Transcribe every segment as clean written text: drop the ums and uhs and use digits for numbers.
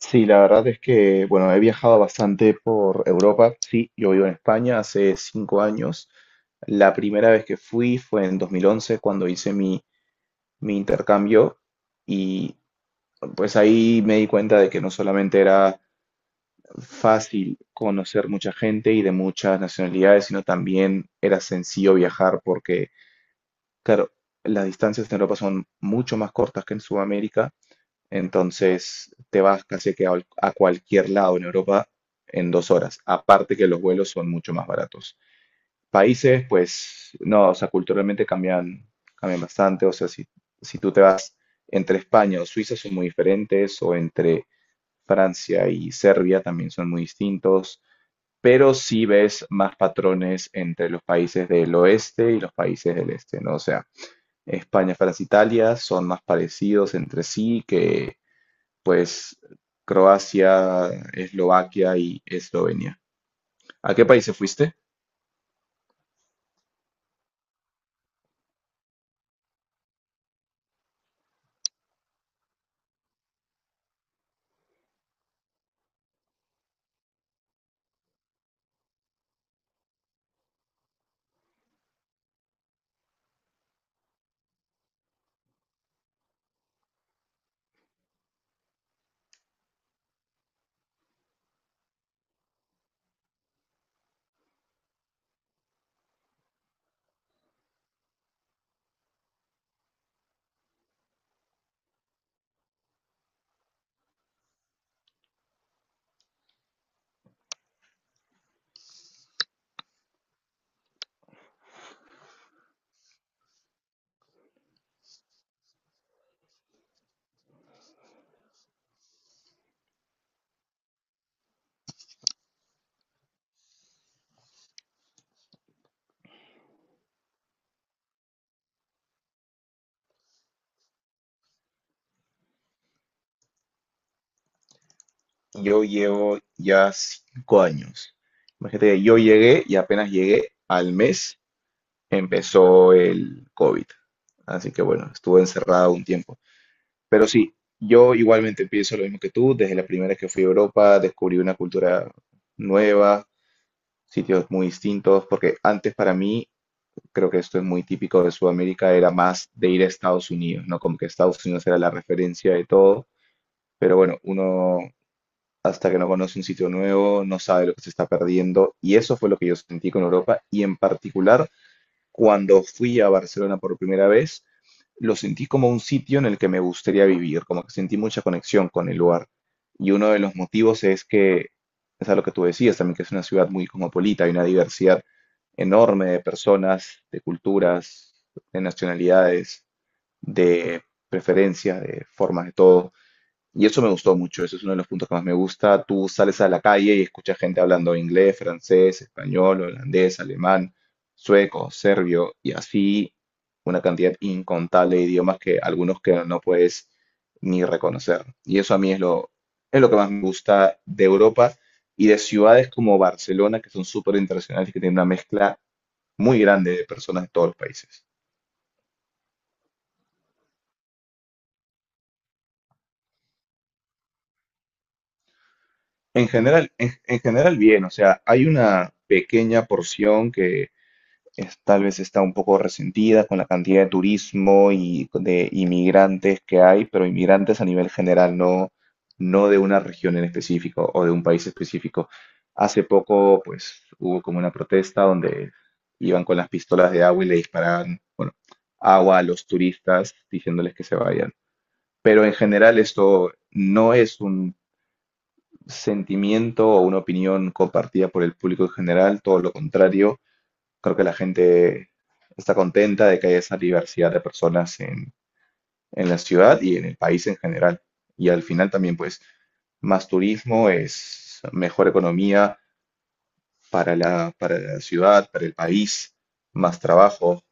Sí, la verdad es que, bueno, he viajado bastante por Europa. Sí, yo vivo en España hace 5 años. La primera vez que fui fue en 2011, cuando hice mi intercambio. Y pues ahí me di cuenta de que no solamente era fácil conocer mucha gente y de muchas nacionalidades, sino también era sencillo viajar porque, claro, las distancias en Europa son mucho más cortas que en Sudamérica, entonces te vas casi que a cualquier lado en Europa en 2 horas. Aparte que los vuelos son mucho más baratos. Países, pues no, o sea, culturalmente cambian, cambian bastante. O sea, si tú te vas entre España o Suiza son muy diferentes, o entre Francia y Serbia también son muy distintos. Pero sí ves más patrones entre los países del oeste y los países del este, ¿no? O sea, España, Francia, Italia son más parecidos entre sí que pues Croacia, Eslovaquia y Eslovenia. ¿A qué países fuiste? Yo llevo ya 5 años. Imagínate que yo llegué y apenas llegué al mes empezó el COVID. Así que bueno, estuve encerrado un tiempo. Pero sí, yo igualmente pienso lo mismo que tú. Desde la primera vez que fui a Europa descubrí una cultura nueva, sitios muy distintos, porque antes para mí creo que esto es muy típico de Sudamérica, era más de ir a Estados Unidos, ¿no? Como que Estados Unidos era la referencia de todo, pero bueno, uno hasta que no conoce un sitio nuevo, no sabe lo que se está perdiendo, y eso fue lo que yo sentí con Europa, y en particular cuando fui a Barcelona por primera vez, lo sentí como un sitio en el que me gustaría vivir, como que sentí mucha conexión con el lugar. Y uno de los motivos es que, es a lo que tú decías también, que es una ciudad muy cosmopolita, hay una diversidad enorme de personas, de culturas, de nacionalidades, de preferencias, de formas de todo. Y eso me gustó mucho, eso es uno de los puntos que más me gusta. Tú sales a la calle y escuchas gente hablando inglés, francés, español, holandés, alemán, sueco, serbio y así una cantidad incontable de idiomas que algunos que no puedes ni reconocer. Y eso a mí es lo que más me gusta de Europa y de ciudades como Barcelona, que son súper internacionales y que tienen una mezcla muy grande de personas de todos los países. En general, en general bien, o sea, hay una pequeña porción que tal vez está un poco resentida con la cantidad de turismo y de inmigrantes que hay, pero inmigrantes a nivel general, no de una región en específico o de un país específico. Hace poco, pues, hubo como una protesta donde iban con las pistolas de agua y le disparaban, bueno, agua a los turistas diciéndoles que se vayan. Pero en general esto no es un sentimiento o una opinión compartida por el público en general, todo lo contrario. Creo que la gente está contenta de que haya esa diversidad de personas en la ciudad y en el país en general. Y al final también, pues, más turismo es mejor economía para la ciudad, para el país, más trabajo.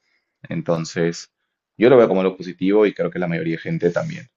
Entonces, yo lo veo como lo positivo y creo que la mayoría de gente también.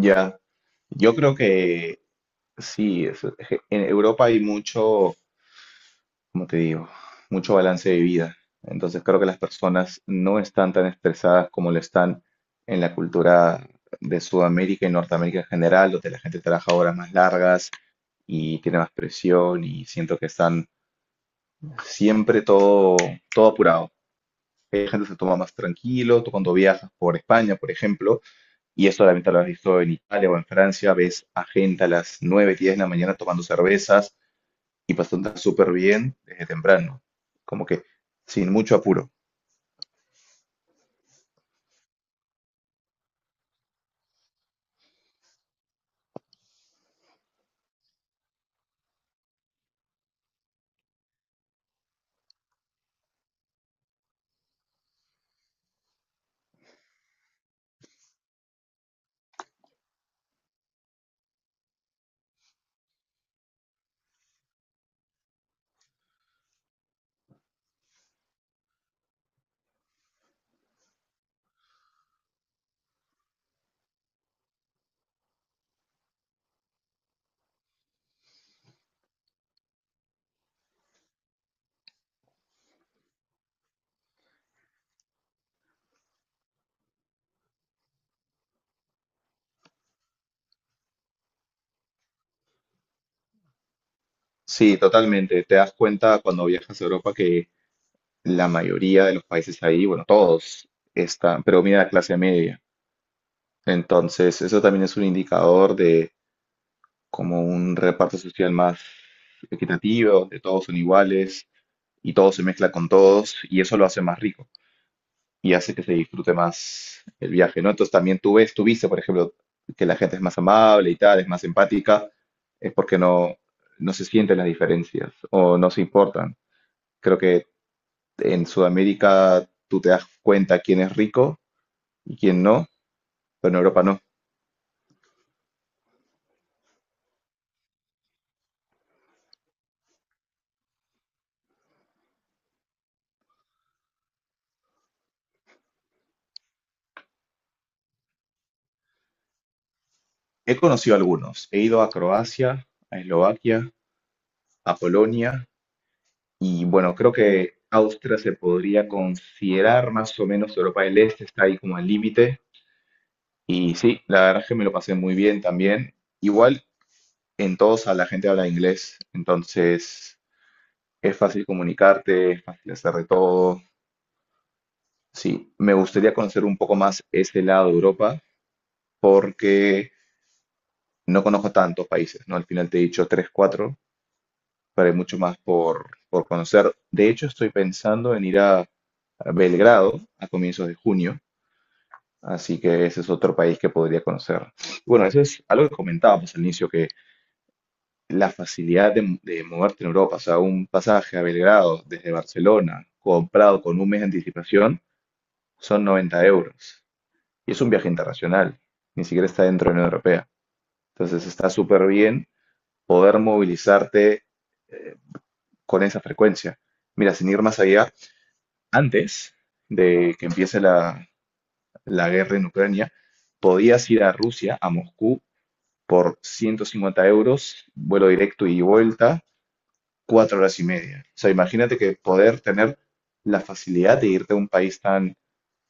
Ya, yo creo que sí, en Europa hay mucho, como te digo, mucho balance de vida. Entonces creo que las personas no están tan estresadas como lo están en la cultura de Sudamérica y Norteamérica en general, donde la gente trabaja horas más largas y tiene más presión y siento que están siempre todo apurado. Hay gente que se toma más tranquilo, tú cuando viajas por España, por ejemplo, y eso la lo has visto en Italia o en Francia, ves a gente a las 9, 10 de la mañana tomando cervezas y pasó tan súper bien desde temprano, como que sin mucho apuro. Sí, totalmente. Te das cuenta cuando viajas a Europa que la mayoría de los países ahí, bueno, todos están, pero mira, clase media. Entonces, eso también es un indicador de como un reparto social más equitativo, de todos son iguales y todo se mezcla con todos y eso lo hace más rico, y hace que se disfrute más el viaje, ¿no? Entonces también tú ves, tú viste, por ejemplo, que la gente es más amable y tal, es más empática, es porque no se sienten las diferencias o no se importan. Creo que en Sudamérica tú te das cuenta quién es rico y quién no, pero en Europa no. He conocido algunos, he ido a Croacia, a Eslovaquia, a Polonia y bueno, creo que Austria se podría considerar más o menos Europa del Este, está ahí como al límite. Y sí, la verdad es que me lo pasé muy bien también. Igual en Todosa la gente habla inglés, entonces es fácil comunicarte, es fácil hacer de todo. Sí, me gustaría conocer un poco más ese lado de Europa porque no conozco tantos países, ¿no? Al final te he dicho tres, cuatro, pero hay mucho más por conocer. De hecho, estoy pensando en ir a Belgrado a comienzos de junio, así que ese es otro país que podría conocer. Bueno, eso es algo que comentábamos al inicio, la facilidad de moverte en Europa, o sea, un pasaje a Belgrado desde Barcelona, comprado con un mes de anticipación, son 90 euros. Y es un viaje internacional, ni siquiera está dentro de la Unión Europea. Entonces está súper bien poder movilizarte eh, con esa frecuencia. Mira, sin ir más allá, antes de que empiece la guerra en Ucrania, podías ir a Rusia, a Moscú, por 150 euros, vuelo directo y vuelta, 4 horas y media. O sea, imagínate que poder tener la facilidad de irte a un país tan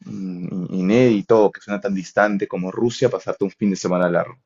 inédito, que suena tan distante como Rusia, pasarte un fin de semana largo.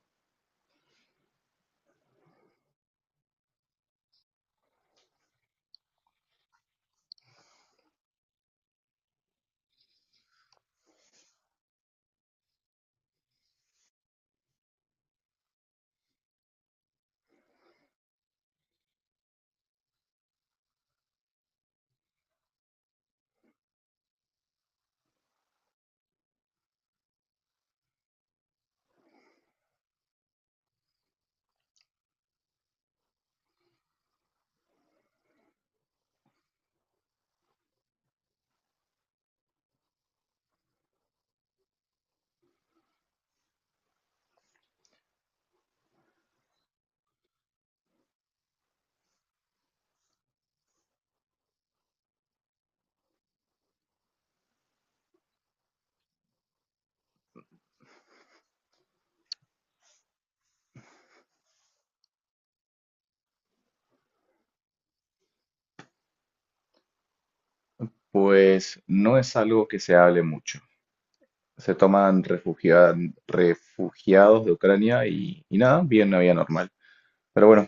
Pues no es algo que se hable mucho. Se toman refugiados de Ucrania y nada, bien una vida normal. Pero bueno,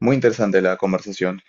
muy interesante la conversación.